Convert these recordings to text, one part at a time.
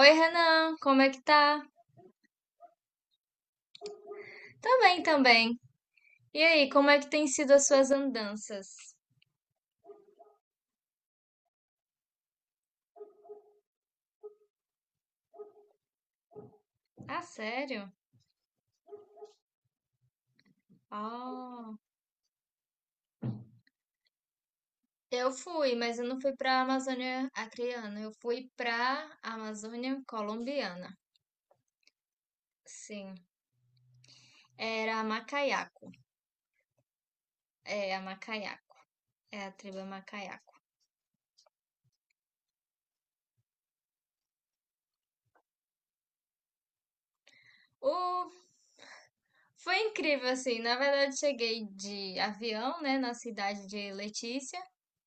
Oi, Renan, como é que tá? Também, também. E aí, como é que tem sido as suas andanças? Ah, sério? Oh, eu fui, mas eu não fui pra Amazônia Acreana, eu fui pra Amazônia Colombiana. Sim, era Macayaco. É, a Macayaco. É a tribo Macayaco. O Foi incrível, assim. Na verdade, cheguei de avião, né, na cidade de Letícia,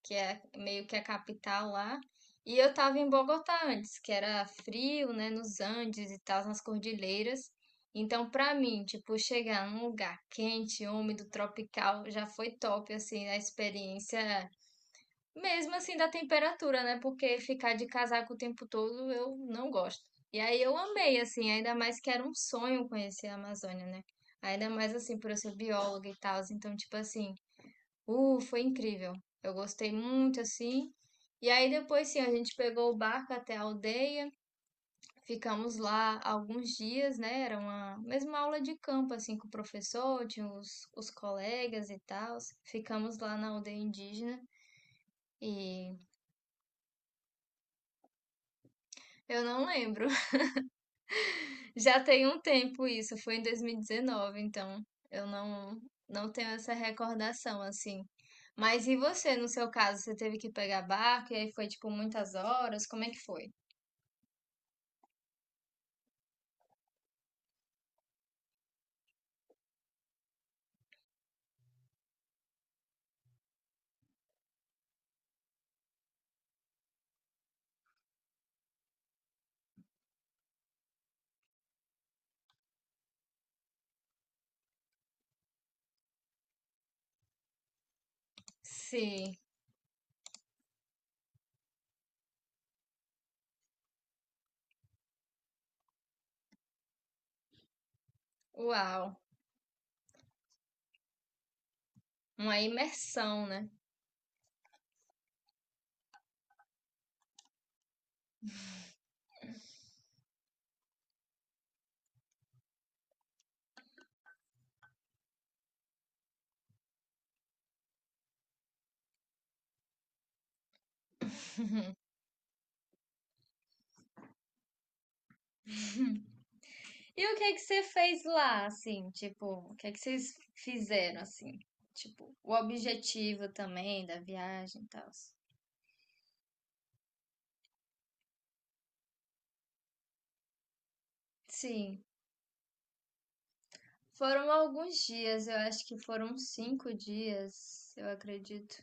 que é meio que a capital lá. E eu tava em Bogotá antes, que era frio, né, nos Andes e tal, nas cordilheiras. Então, pra mim, tipo, chegar num lugar quente, úmido, tropical, já foi top, assim, a experiência mesmo assim da temperatura, né? Porque ficar de casaco o tempo todo eu não gosto. E aí eu amei, assim, ainda mais que era um sonho conhecer a Amazônia, né? Ainda mais assim, por eu ser bióloga e tal. Então, tipo assim, foi incrível. Eu gostei muito, assim. E aí depois, sim, a gente pegou o barco até a aldeia, ficamos lá alguns dias, né? Era uma mesma aula de campo, assim, com o professor, tinha os colegas e tal. Ficamos lá na aldeia indígena e eu não lembro. Já tem um tempo isso, foi em 2019, então eu não tenho essa recordação assim. Mas e você, no seu caso, você teve que pegar barco e aí foi tipo muitas horas? Como é que foi? Sim, uau, uma imersão, né? E o que é que você fez lá, assim, tipo, o que é que vocês fizeram assim? Tipo, o objetivo também da viagem e tal. Sim, foram alguns dias, eu acho que foram 5 dias, eu acredito.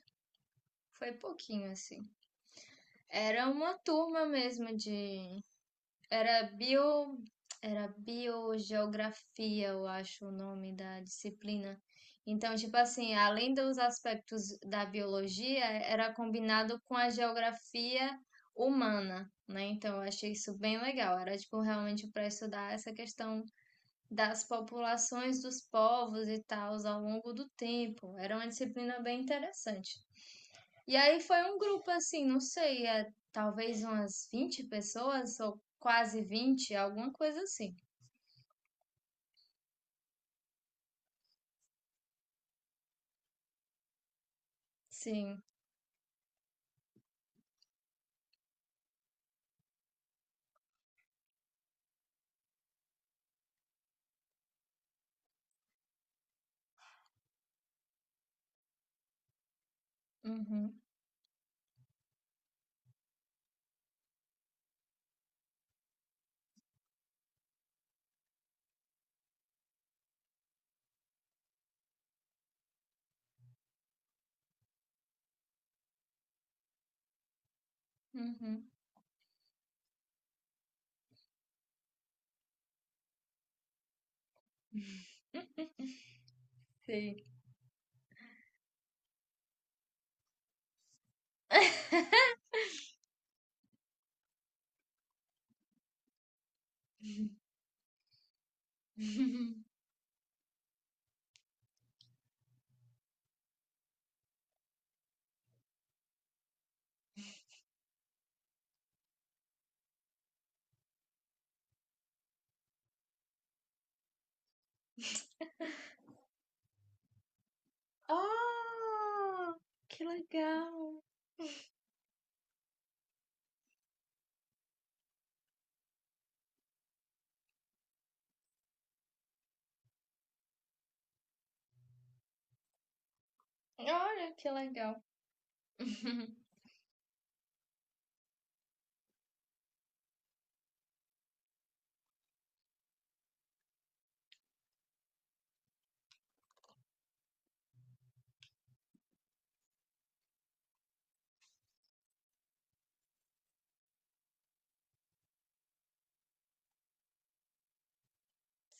Foi pouquinho, assim. Era uma turma mesmo de. Era bio. Era biogeografia, eu acho o nome da disciplina. Então, tipo assim, além dos aspectos da biologia, era combinado com a geografia humana, né? Então, eu achei isso bem legal. Era, tipo, realmente para estudar essa questão das populações dos povos e tal ao longo do tempo. Era uma disciplina bem interessante. E aí foi um grupo assim, não sei, é, talvez umas 20 pessoas ou quase 20 alguma coisa assim. Sim. Uhum. Uhum. Sim. Ah, olha que legal.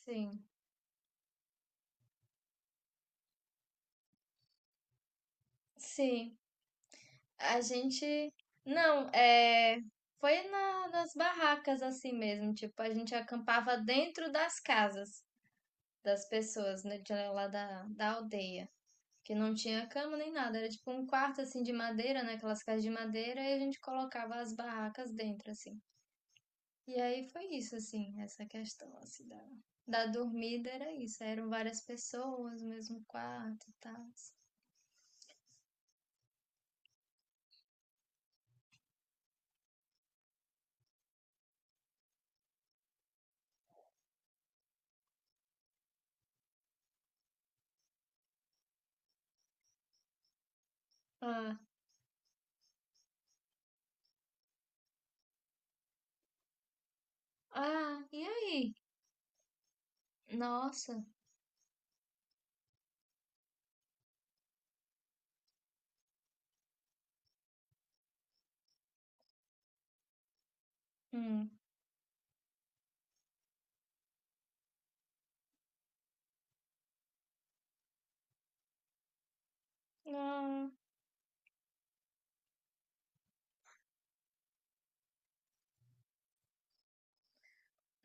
Sim. Sim. A gente não, é foi nas barracas assim mesmo, tipo, a gente acampava dentro das casas. Das pessoas, né, de lá da, da aldeia. Que não tinha cama nem nada, era tipo um quarto assim de madeira, né? Aquelas casas de madeira, e a gente colocava as barracas dentro, assim. E aí foi isso, assim, essa questão, assim, da dormida era isso. Eram várias pessoas, no mesmo quarto e tal. Ah, ah, e aí? Nossa, hum, ah,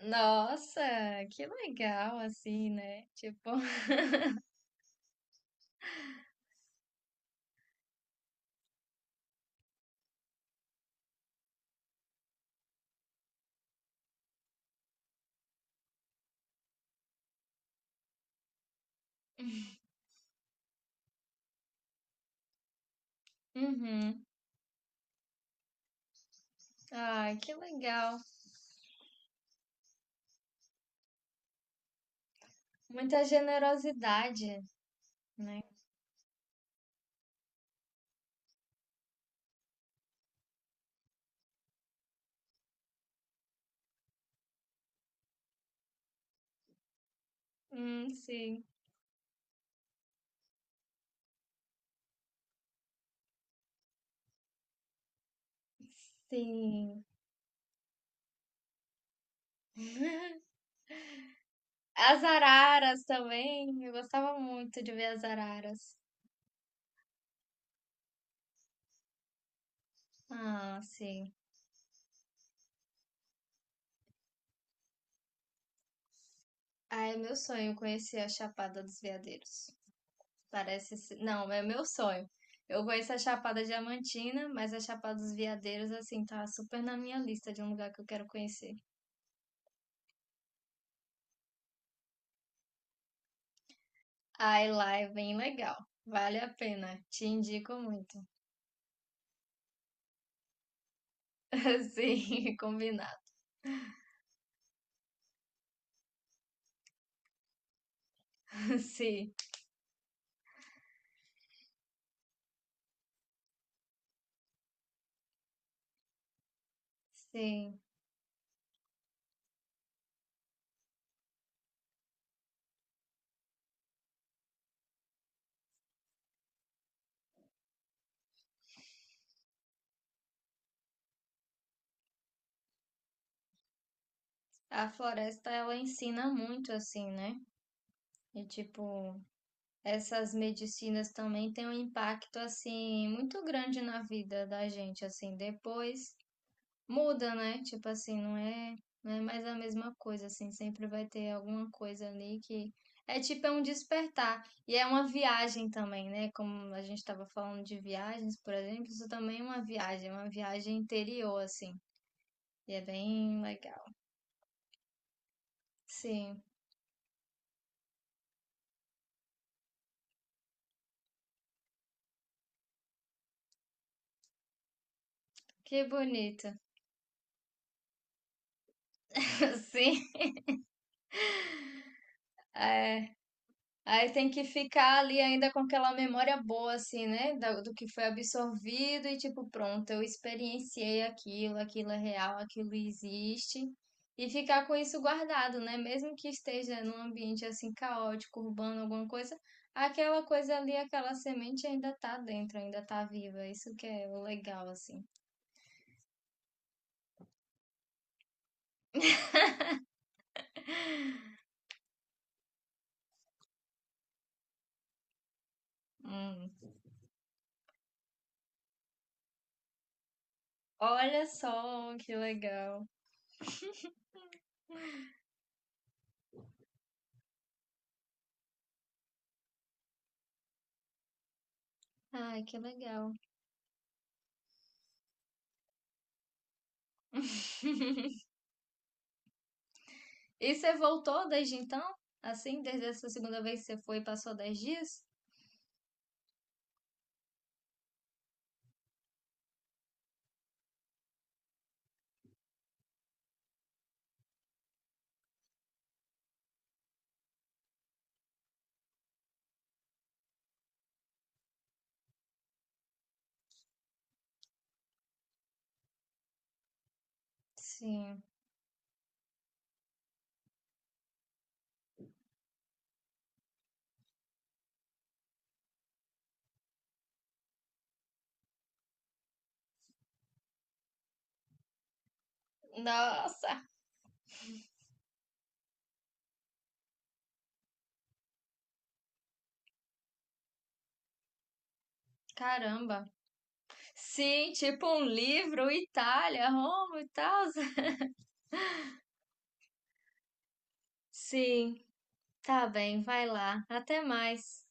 nossa, que legal, assim, né? Tipo, uhum, ai, que legal. Muita generosidade, né? Sim, sim. As araras também, eu gostava muito de ver as araras. Ah, sim. Ah, é meu sonho conhecer a Chapada dos Veadeiros. Parece ser... Não, é meu sonho. Eu conheço a Chapada Diamantina, mas a Chapada dos Veadeiros, assim, tá super na minha lista de um lugar que eu quero conhecer. Ai, lá é bem legal. Vale a pena. Te indico muito. Sim, combinado. Sim, sim. A floresta, ela ensina muito, assim, né? E, tipo, essas medicinas também têm um impacto, assim, muito grande na vida da gente, assim. Depois muda, né? Tipo assim, não é, não é mais a mesma coisa, assim. Sempre vai ter alguma coisa ali que... É tipo, é um despertar. E é uma viagem também, né? Como a gente estava falando de viagens, por exemplo, isso também é uma viagem interior, assim. E é bem legal. Sim, que bonito. Sim. Aí tem que ficar ali ainda com aquela memória boa, assim, né? Do, que foi absorvido e tipo, pronto, eu experienciei aquilo, aquilo é real, aquilo existe. E ficar com isso guardado, né? Mesmo que esteja num ambiente assim caótico, urbano, alguma coisa, aquela coisa ali, aquela semente ainda tá dentro, ainda tá viva. Isso que é o legal, assim. Hum. Olha só que legal. Ai, que legal. E você voltou desde então? Assim, desde essa segunda vez que você foi, e passou 10 dias? Sim. Nossa, caramba. Sim, tipo um livro, Itália, Roma e tal. Sim. Tá bem, vai lá. Até mais.